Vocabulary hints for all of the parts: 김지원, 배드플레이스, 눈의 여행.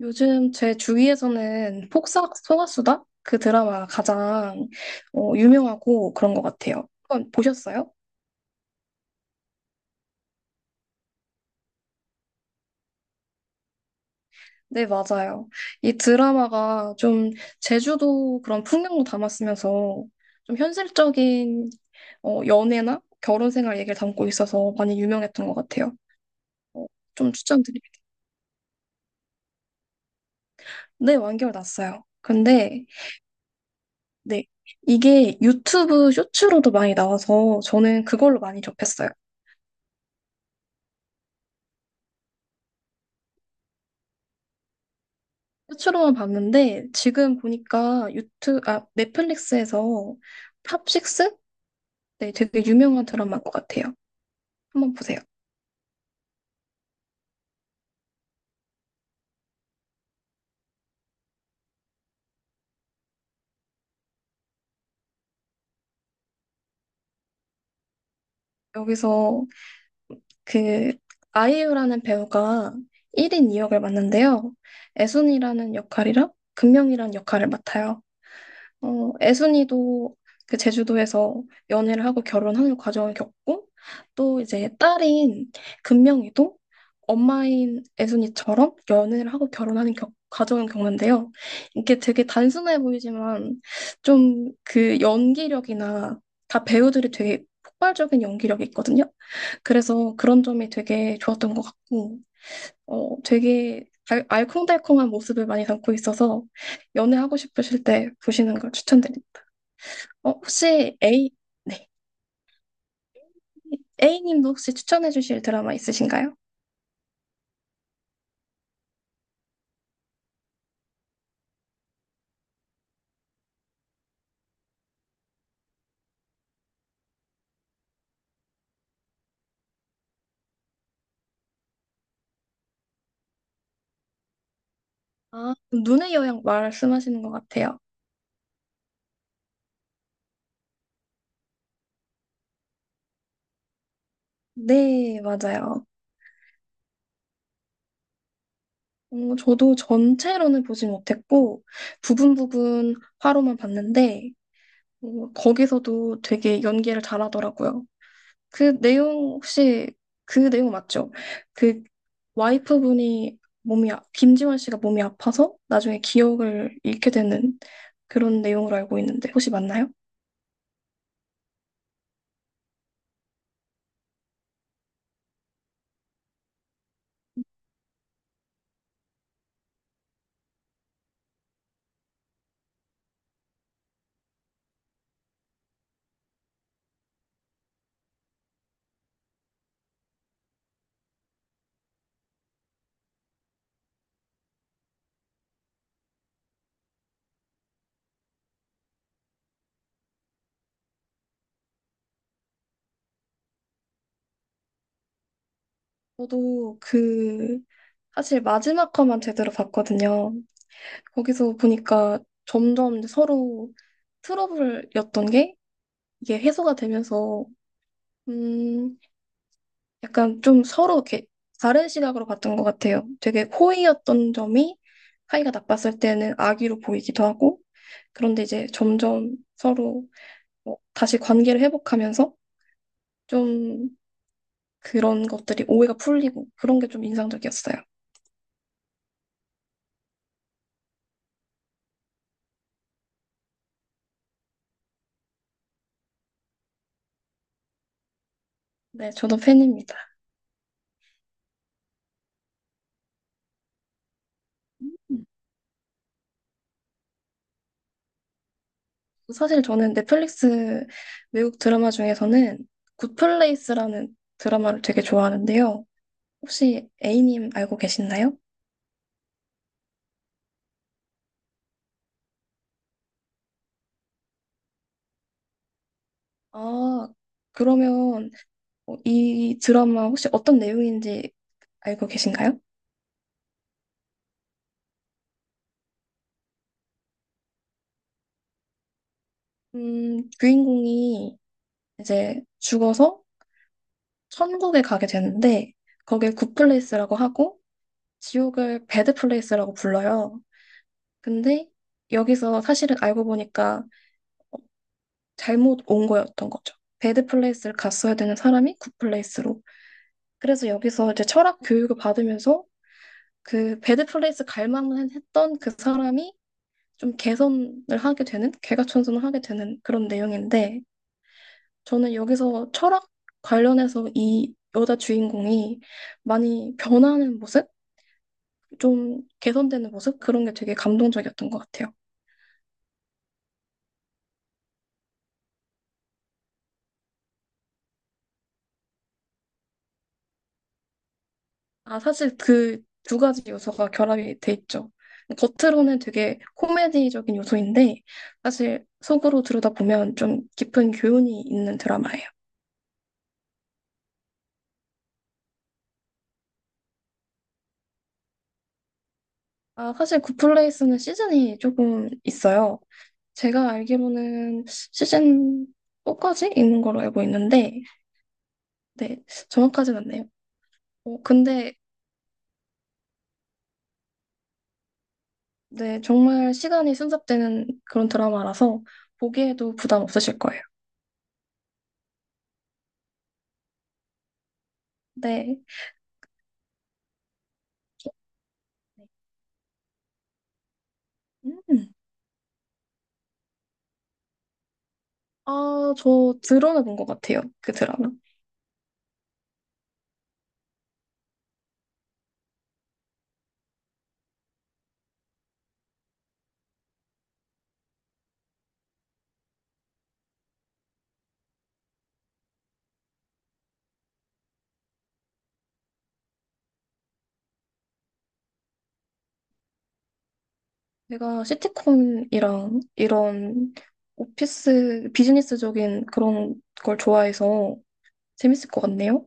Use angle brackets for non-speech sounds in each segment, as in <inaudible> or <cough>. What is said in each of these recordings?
요즘 제 주위에서는 폭삭소가수다 그 드라마가 가장 유명하고 그런 것 같아요. 한번 보셨어요? 네, 맞아요. 이 드라마가 좀 제주도 그런 풍경도 담았으면서 좀 현실적인 연애나 결혼 생활 얘기를 담고 있어서 많이 유명했던 것 같아요. 어, 좀 추천드립니다. 네, 완결 났어요. 근데 네, 이게 유튜브 쇼츠로도 많이 나와서 저는 그걸로 많이 접했어요. 끝으로만 봤는데 지금 보니까 유튜 아 넷플릭스에서 탑식스? 네, 되게 유명한 드라마인 것 같아요. 한번 보세요. 여기서 그 아이유라는 배우가 1인 2역을 맡는데요. 애순이라는 역할이랑 금명이라는 역할을 맡아요. 애순이도 그 제주도에서 연애를 하고 결혼하는 과정을 겪고 또 이제 딸인 금명이도 엄마인 애순이처럼 연애를 하고 결혼하는 과정을 겪는데요. 이게 되게 단순해 보이지만 좀 그 연기력이나 다 배우들이 되게 폭발적인 연기력이 있거든요. 그래서 그런 점이 되게 좋았던 것 같고 되게 알콩달콩한 모습을 많이 담고 있어서 연애하고 싶으실 때 보시는 걸 추천드립니다. 혹시 A, 네. A님도 혹시 추천해 주실 드라마 있으신가요? 아, 눈의 여행 말씀하시는 것 같아요. 네, 맞아요. 저도 전체로는 보지 못했고 부분 부분 화로만 봤는데 거기서도 되게 연기를 잘하더라고요. 그 내용 혹시 그 내용 맞죠? 그 와이프분이 김지원 씨가 몸이 아파서 나중에 기억을 잃게 되는 그런 내용으로 알고 있는데 혹시 맞나요? 저도 그 사실 마지막 화만 제대로 봤거든요. 거기서 보니까 점점 이제 서로 트러블이었던 게 이게 해소가 되면서 약간 좀 서로 이렇게 다른 시각으로 봤던 것 같아요. 되게 호의였던 점이 사이가 나빴을 때는 악의로 보이기도 하고, 그런데 이제 점점 서로 뭐 다시 관계를 회복하면서 좀 그런 것들이 오해가 풀리고 그런 게 좀 인상적이었어요. 네, 저도 팬입니다. 음. 사실 저는 넷플릭스 외국 드라마 중에서는 굿플레이스라는 드라마를 되게 좋아하는데요. 혹시 A님 알고 계시나요? 아, 그러면 이 드라마 혹시 어떤 내용인지 알고 계신가요? 주인공이 이제 죽어서 천국에 가게 되는데, 거길 굿플레이스라고 하고, 지옥을 배드플레이스라고 불러요. 근데 여기서 사실은 알고 보니까 잘못 온 거였던 거죠. 배드플레이스를 갔어야 되는 사람이 굿플레이스로. 그래서 여기서 이제 철학 교육을 받으면서 그 배드플레이스 갈 만했던 그 사람이 좀 개선을 하게 되는, 개과천선을 하게 되는 그런 내용인데, 저는 여기서 철학 관련해서 이 여자 주인공이 많이 변하는 모습? 좀 개선되는 모습? 그런 게 되게 감동적이었던 것 같아요. 아, 사실 그 두 가지 요소가 결합이 돼 있죠. 겉으로는 되게 코미디적인 요소인데, 사실 속으로 들여다보면 좀 깊은 교훈이 있는 드라마예요. 아, 사실 굿플레이스는 시즌이 조금 있어요. 제가 알기로는 시즌 4까지 있는 걸로 알고 있는데, 네, 정확하진 않네요. 어, 근데, 네, 정말 시간이 순삭되는 그런 드라마라서 보기에도 부담 없으실 거예요. 네. 음. 아, 저 드러내 본것 같아요. 그 드라마. 제가 시트콤이랑 이런 오피스, 비즈니스적인 그런 걸 좋아해서 재밌을 것 같네요.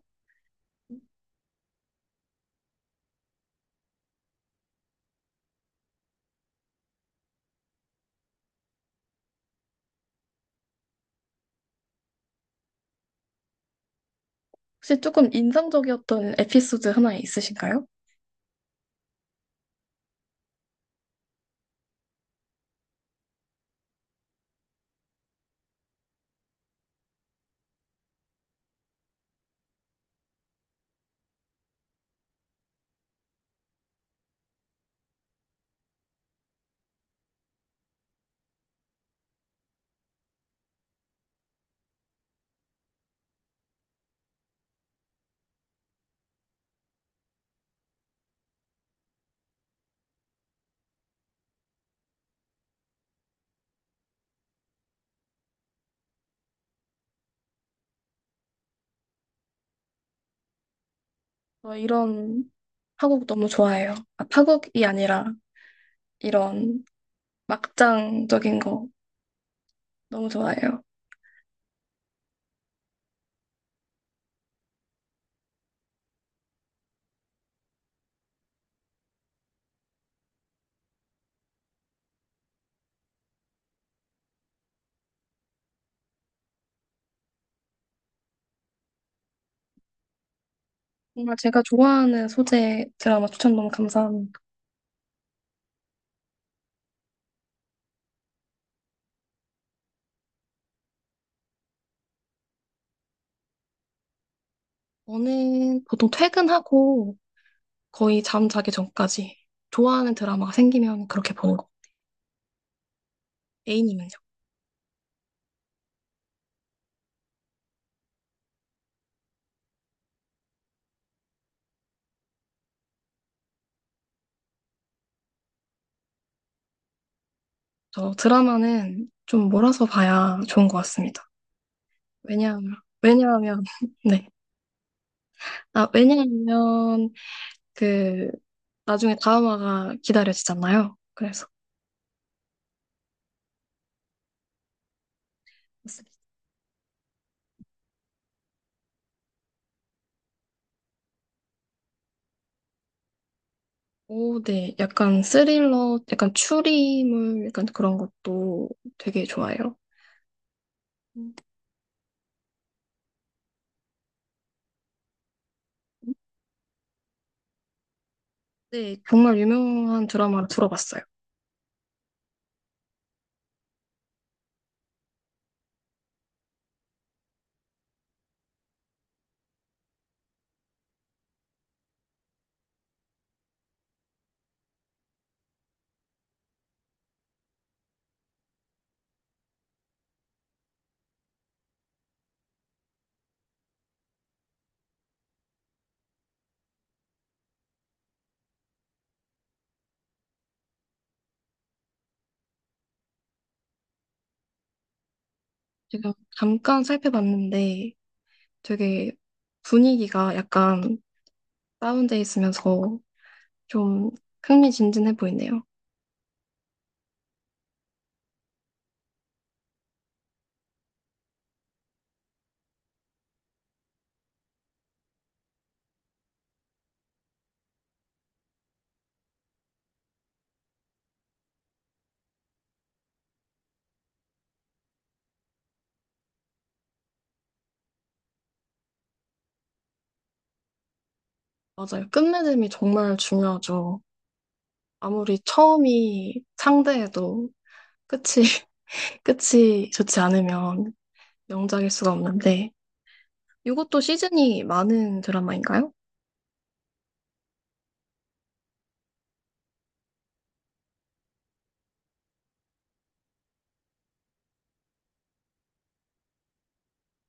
혹시 조금 인상적이었던 에피소드 하나 있으신가요? 저 이런 파국 너무 좋아해요. 아, 파국이 아니라 이런 막장적인 거 너무 좋아해요. 정말 제가 좋아하는 소재 드라마 추천 너무 감사합니다. 저는 보통 퇴근하고 거의 잠 자기 전까지 좋아하는 드라마가 생기면 그렇게 보는 거. A님은요? 저 드라마는 좀 몰아서 봐야 좋은 것 같습니다. 왜냐하면, 왜냐하면, <laughs> 네. 아, 왜냐하면 그 나중에 다음화가 기다려지잖아요. 그래서 오, 네, 약간 스릴러, 약간 추리물, 약간 그런 것도 되게 좋아해요. 음. 네, 정말 유명한 드라마를 들어봤어요. 제가 잠깐 살펴봤는데 되게 분위기가 약간 다운돼 있으면서 좀 흥미진진해 보이네요. 맞아요. 끝맺음이 정말 중요하죠. 아무리 처음이 상대해도 끝이, <laughs> 끝이 좋지 않으면 명작일 수가 없는데. 이것도 시즌이 많은 드라마인가요?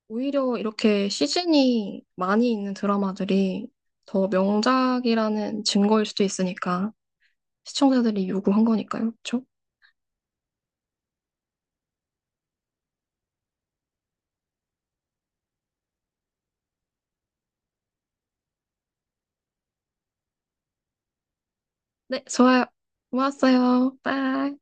오히려 이렇게 시즌이 많이 있는 드라마들이 더 명작이라는 증거일 수도 있으니까 시청자들이 요구한 거니까요. 그렇죠? 네, 좋아요. 고맙어요. 빠이.